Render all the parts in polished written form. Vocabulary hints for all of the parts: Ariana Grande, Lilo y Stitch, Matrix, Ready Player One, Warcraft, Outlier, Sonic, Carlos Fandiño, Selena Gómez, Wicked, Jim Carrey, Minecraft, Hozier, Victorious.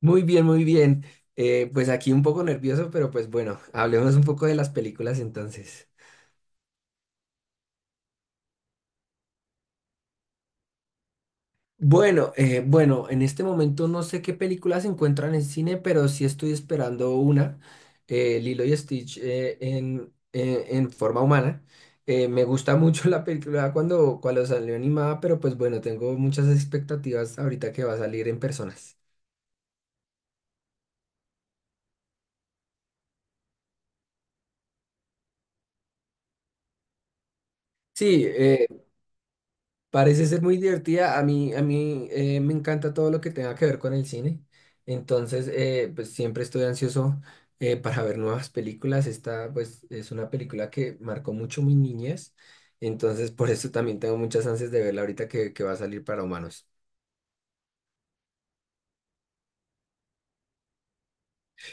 Muy bien, muy bien. Pues aquí un poco nervioso, pero pues bueno, hablemos un poco de las películas entonces. Bueno, en este momento no sé qué películas se encuentran en cine, pero sí estoy esperando una, Lilo y Stitch en forma humana. Me gusta mucho la película cuando, salió animada, pero pues bueno, tengo muchas expectativas ahorita que va a salir en personas. Sí, parece ser muy divertida. A mí, me encanta todo lo que tenga que ver con el cine. Entonces, pues siempre estoy ansioso, para ver nuevas películas. Esta, pues, es una película que marcó mucho mi niñez. Entonces, por eso también tengo muchas ansias de verla ahorita que va a salir para humanos.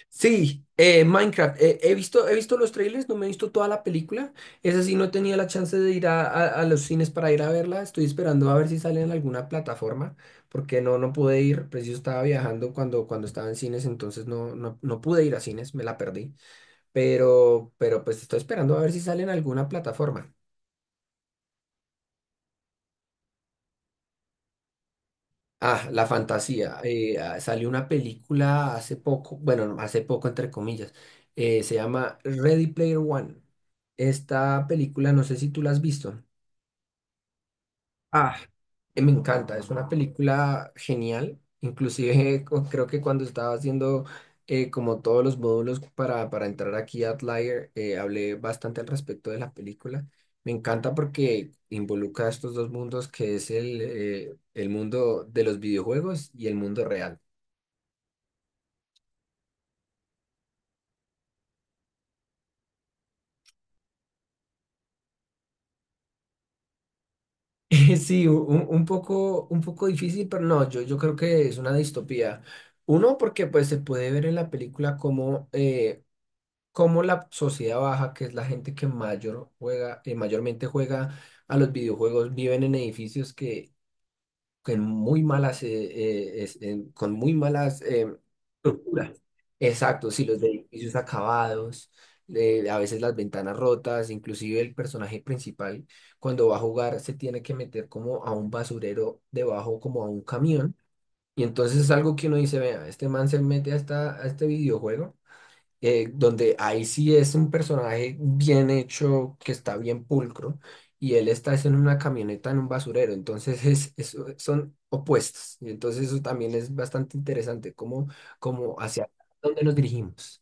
Sí, Minecraft. He visto, los trailers, no me he visto toda la película. Esa sí no tenía la chance de ir a los cines para ir a verla. Estoy esperando a ver si sale en alguna plataforma, porque no pude ir. Preciso estaba viajando cuando, estaba en cines, entonces no pude ir a cines, me la perdí. Pero, pues estoy esperando a ver si sale en alguna plataforma. Ah, la fantasía. Ah, salió una película hace poco, bueno, no, hace poco entre comillas, se llama Ready Player One. Esta película, no sé si tú la has visto. Ah, me encanta, es una película genial. Inclusive creo que cuando estaba haciendo, como todos los módulos para, entrar aquí a Outlier, hablé bastante al respecto de la película. Me encanta porque involucra estos dos mundos que es el mundo de los videojuegos y el mundo real. Sí, un poco difícil, pero no, yo creo que es una distopía. Uno, porque pues se puede ver en la película como cómo la sociedad baja, que es la gente que mayor juega, mayormente juega a los videojuegos, viven en edificios que con muy malas, es- en- con muy malas, estructuras. Exacto, sí, los edificios acabados, a veces las ventanas rotas, inclusive el personaje principal cuando va a jugar se tiene que meter como a un basurero debajo, como a un camión. Y entonces es algo que uno dice, vea, este man se mete a este videojuego, donde ahí sí es un personaje bien hecho, que está bien pulcro, y él está es en una camioneta en un basurero, entonces son opuestos, y entonces eso también es bastante interesante, cómo, cómo hacia dónde nos dirigimos.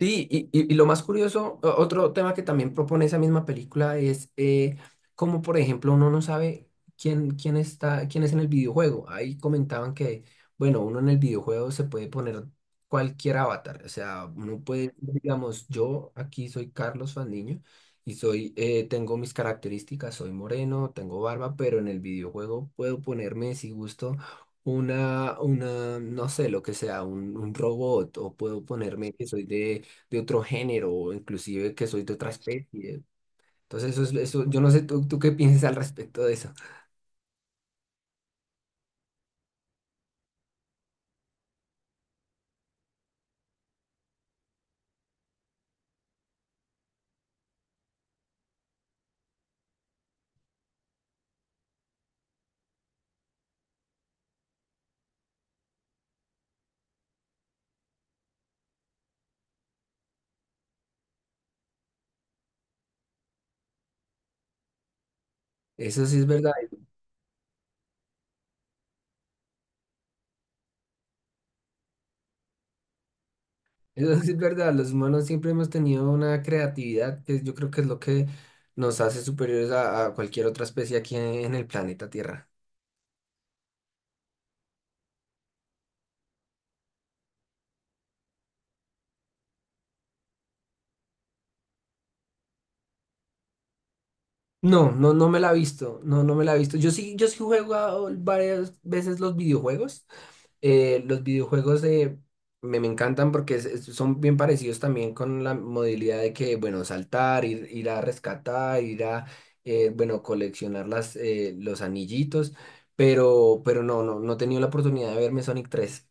Sí, y lo más curioso, otro tema que también propone esa misma película es, cómo, por ejemplo, uno no sabe quién es en el videojuego. Ahí comentaban que, bueno, uno en el videojuego se puede poner cualquier avatar. O sea, uno puede, digamos, yo aquí soy Carlos Fandiño y soy, tengo mis características, soy moreno, tengo barba, pero en el videojuego puedo ponerme, si gusto, una, no sé, lo que sea, un robot, o puedo ponerme que soy de otro género o inclusive que soy de otra, pues, especie. Entonces, eso es, eso, yo no sé tú qué piensas al respecto de eso. Eso sí es verdad, eso sí es verdad. Los humanos siempre hemos tenido una creatividad que yo creo que es lo que nos hace superiores a cualquier otra especie aquí en el planeta Tierra. No, no, no me la he visto. No, no me la he visto. Yo sí, yo sí he jugado varias veces los videojuegos. eh, los videojuegos eh, me encantan porque son bien parecidos también con la modalidad de que, bueno, saltar, ir a rescatar, bueno, coleccionar los anillitos, pero, no he tenido la oportunidad de verme Sonic tres.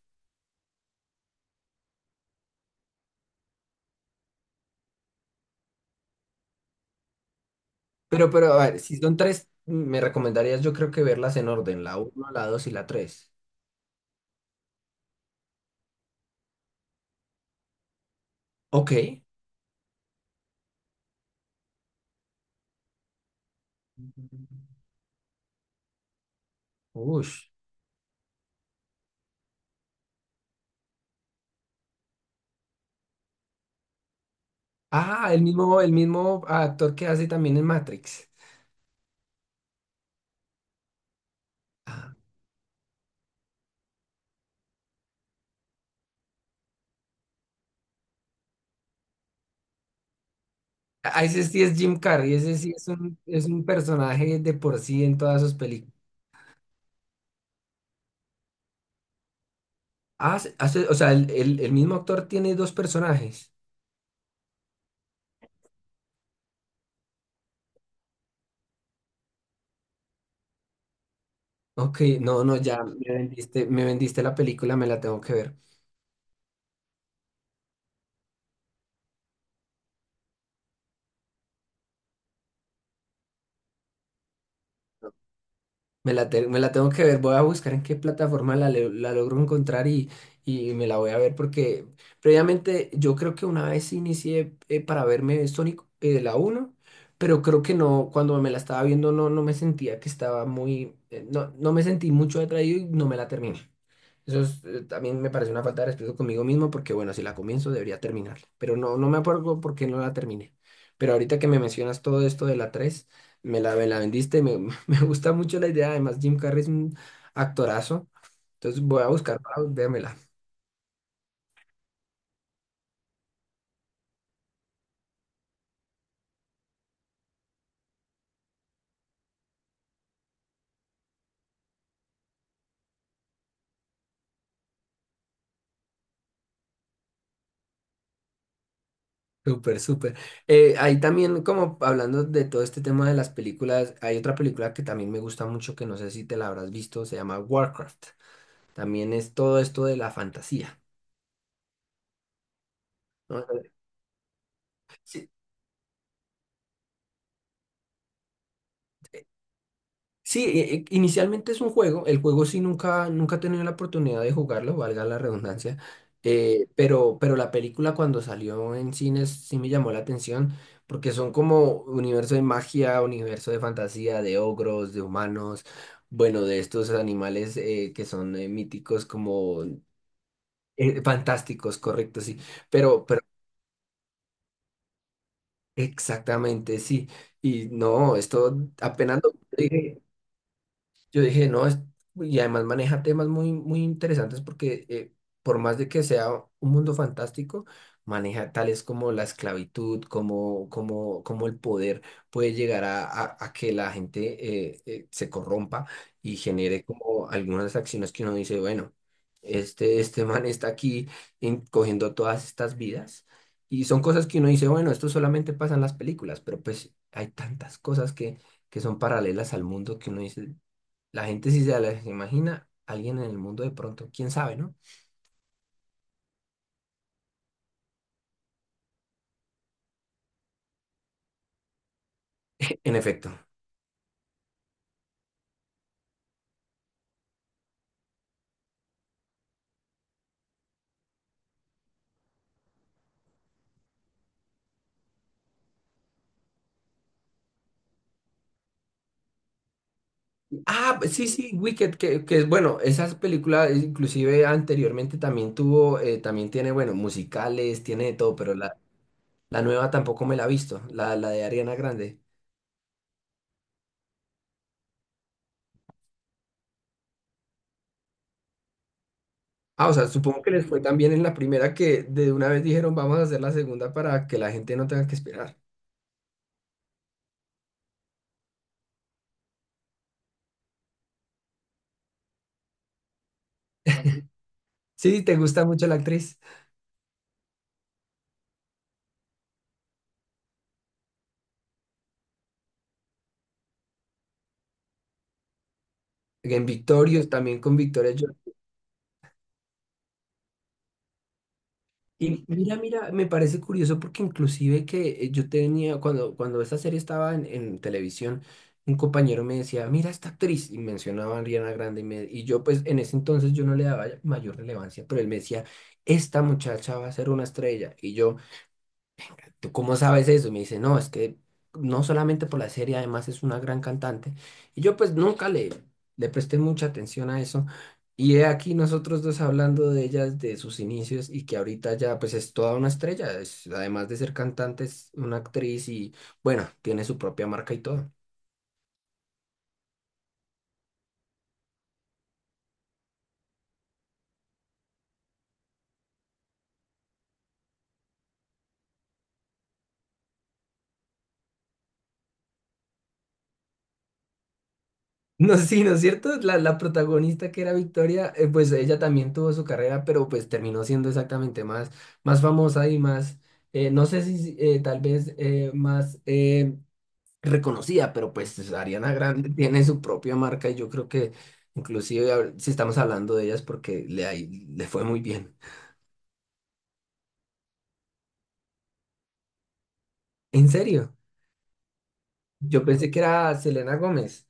Pero, a ver, si son tres, me recomendarías yo creo que verlas en orden, la uno, la dos y la tres. Ok. Uy. Ah, el mismo actor que hace también en Matrix. Ah, ese sí es Jim Carrey, ese sí es un personaje de por sí en todas sus películas. Ah, o sea, el mismo actor tiene dos personajes. Ok, no, no, ya me vendiste la película, me la tengo que ver. Me la tengo que ver, voy a buscar en qué plataforma la logro encontrar, y me la voy a ver porque previamente yo creo que una vez inicié, para verme Sonic, la uno, pero creo que no, cuando me la estaba viendo no, no me sentía que estaba muy, no, me sentí mucho atraído y no me la terminé. Eso es, también me parece una falta de respeto conmigo mismo porque, bueno, si la comienzo debería terminarla. Pero no, no me acuerdo por qué no la terminé. Pero ahorita que me mencionas todo esto de la 3 me la vendiste, me gusta mucho la idea. Además, Jim Carrey es un actorazo. Entonces voy a buscar para véamela. Súper, súper. Ahí también, como hablando de todo este tema de las películas, hay otra película que también me gusta mucho, que no sé si te la habrás visto, se llama Warcraft. También es todo esto de la fantasía, ¿no? Sí, inicialmente es un juego, el juego sí nunca, nunca he tenido la oportunidad de jugarlo, valga la redundancia, pero, la película cuando salió en cines sí me llamó la atención porque son como universo de magia, universo de fantasía, de ogros, de humanos, bueno, de estos animales, que son, míticos como, fantásticos, correcto, sí, pero, exactamente, sí, y no, esto apenas eh, yo dije, no, es, y además maneja temas muy, muy interesantes porque, por más de que sea un mundo fantástico, maneja tales como la esclavitud, como, el poder puede llegar a que la gente, se corrompa y genere como algunas acciones que uno dice, bueno, este man está aquí en- cogiendo todas estas vidas. Y son cosas que uno dice, bueno, esto solamente pasa en las películas, pero pues hay tantas cosas que son paralelas al mundo que uno dice. La gente sí se las imagina, alguien en el mundo de pronto, quién sabe, ¿no? En efecto. Ah, pues sí, sí, Wicked, que es bueno, esas películas, inclusive anteriormente también tuvo, también tiene, bueno, musicales, tiene de todo, pero la, nueva tampoco me la he visto, la, de Ariana Grande. Ah, o sea, supongo que les fue tan bien en la primera que de una vez dijeron, vamos a hacer la segunda para que la gente no tenga que esperar. Sí, te gusta mucho la actriz. En Victorious, también con Victoria. Y mira, mira, me parece curioso porque inclusive que, yo tenía, cuando, esta serie estaba en, televisión, un compañero me decía, mira esta actriz, y mencionaba a Ariana Grande, y yo pues en ese entonces yo no le daba mayor relevancia, pero él me decía, esta muchacha va a ser una estrella, y yo... ¿Tú cómo sabes eso? Y me dice, no, es que no solamente por la serie, además es una gran cantante. Y yo pues nunca le, presté mucha atención a eso. Y he aquí nosotros dos hablando de ellas, de sus inicios y que ahorita ya pues es toda una estrella. Además de ser cantante, es una actriz y bueno, tiene su propia marca y todo. No, sí, ¿no es cierto? La, protagonista que era Victoria, pues ella también tuvo su carrera, pero pues terminó siendo exactamente más, famosa y más, no sé si si, tal vez más reconocida, pero pues Ariana Grande tiene su propia marca y yo creo que inclusive si estamos hablando de ellas porque le fue muy bien. En serio, yo pensé que era Selena Gómez.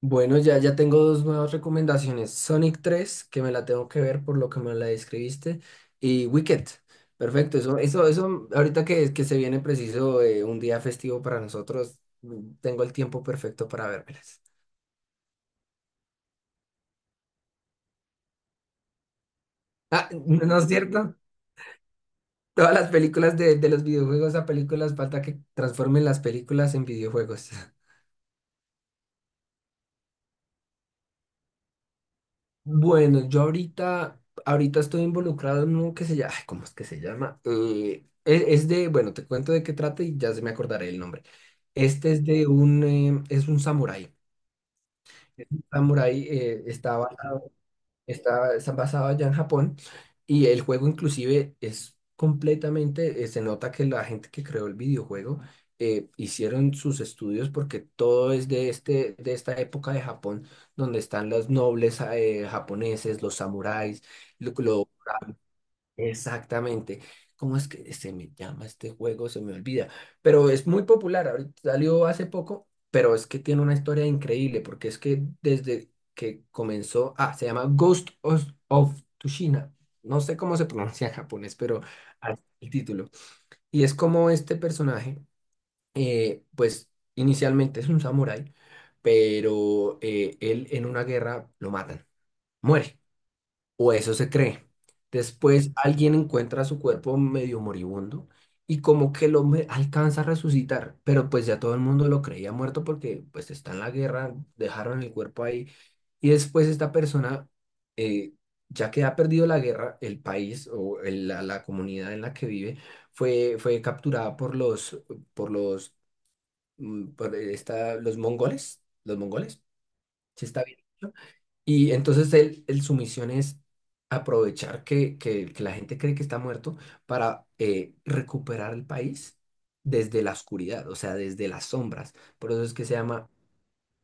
Bueno, ya tengo dos nuevas recomendaciones. Sonic tres, que me la tengo que ver por lo que me la describiste, y Wicked. Perfecto, eso, ahorita que se viene preciso, un día festivo para nosotros, tengo el tiempo perfecto para vérmelas. Ah, ¿no es cierto? Todas las películas de los videojuegos a películas, falta que transformen las películas en videojuegos. Bueno, yo ahorita estoy involucrado en uno que se llama, ay, ¿cómo es que se llama? Es de, bueno, te cuento de qué trata y ya se me acordaré el nombre. Este es de un samurái. Es un samurái, estaba. Está basado allá en Japón y el juego inclusive es completamente, se nota que la gente que creó el videojuego, hicieron sus estudios porque todo es de, de esta época de Japón donde están los nobles, japoneses, los samuráis, lo, lo- Exactamente. ¿Cómo es que se me llama este juego? Se me olvida. Pero es muy popular. Ahorita salió hace poco, pero es que tiene una historia increíble porque es que desde que comenzó, ah, se llama Ghost of Tsushima. No sé cómo se pronuncia en japonés, pero así es el título. Y es como este personaje, pues inicialmente es un samurái, pero él en una guerra lo matan, muere o eso se cree. Después alguien encuentra su cuerpo medio moribundo y como que lo hombre alcanza a resucitar, pero pues ya todo el mundo lo creía muerto porque pues está en la guerra, dejaron el cuerpo ahí y después esta persona, eh, ya que ha perdido la guerra, el país o la comunidad en la que vive, fue capturada por los, mm, por esta, los mongoles, ¿sí está bien? Y entonces su misión es aprovechar que la gente cree que está muerto para, recuperar el país desde la oscuridad, o sea, desde las sombras. Por eso es que se llama.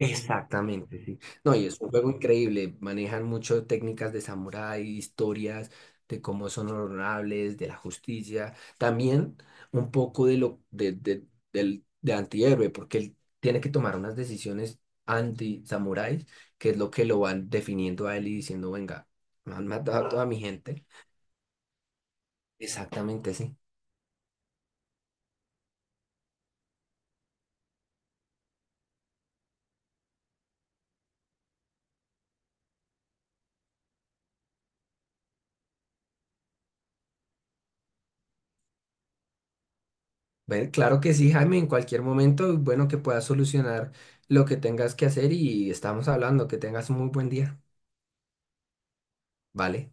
Exactamente, sí. No, y es un juego increíble. Manejan mucho técnicas de samurái, historias de cómo son honorables, de la justicia. También un poco de lo de antihéroe, porque él tiene que tomar unas decisiones anti-samuráis, que es lo que lo van definiendo a él y diciendo, venga, me han matado a toda mi gente. Exactamente, sí. Bueno, claro que sí, Jaime, en cualquier momento, bueno, que puedas solucionar lo que tengas que hacer y estamos hablando, que tengas un muy buen día. ¿Vale?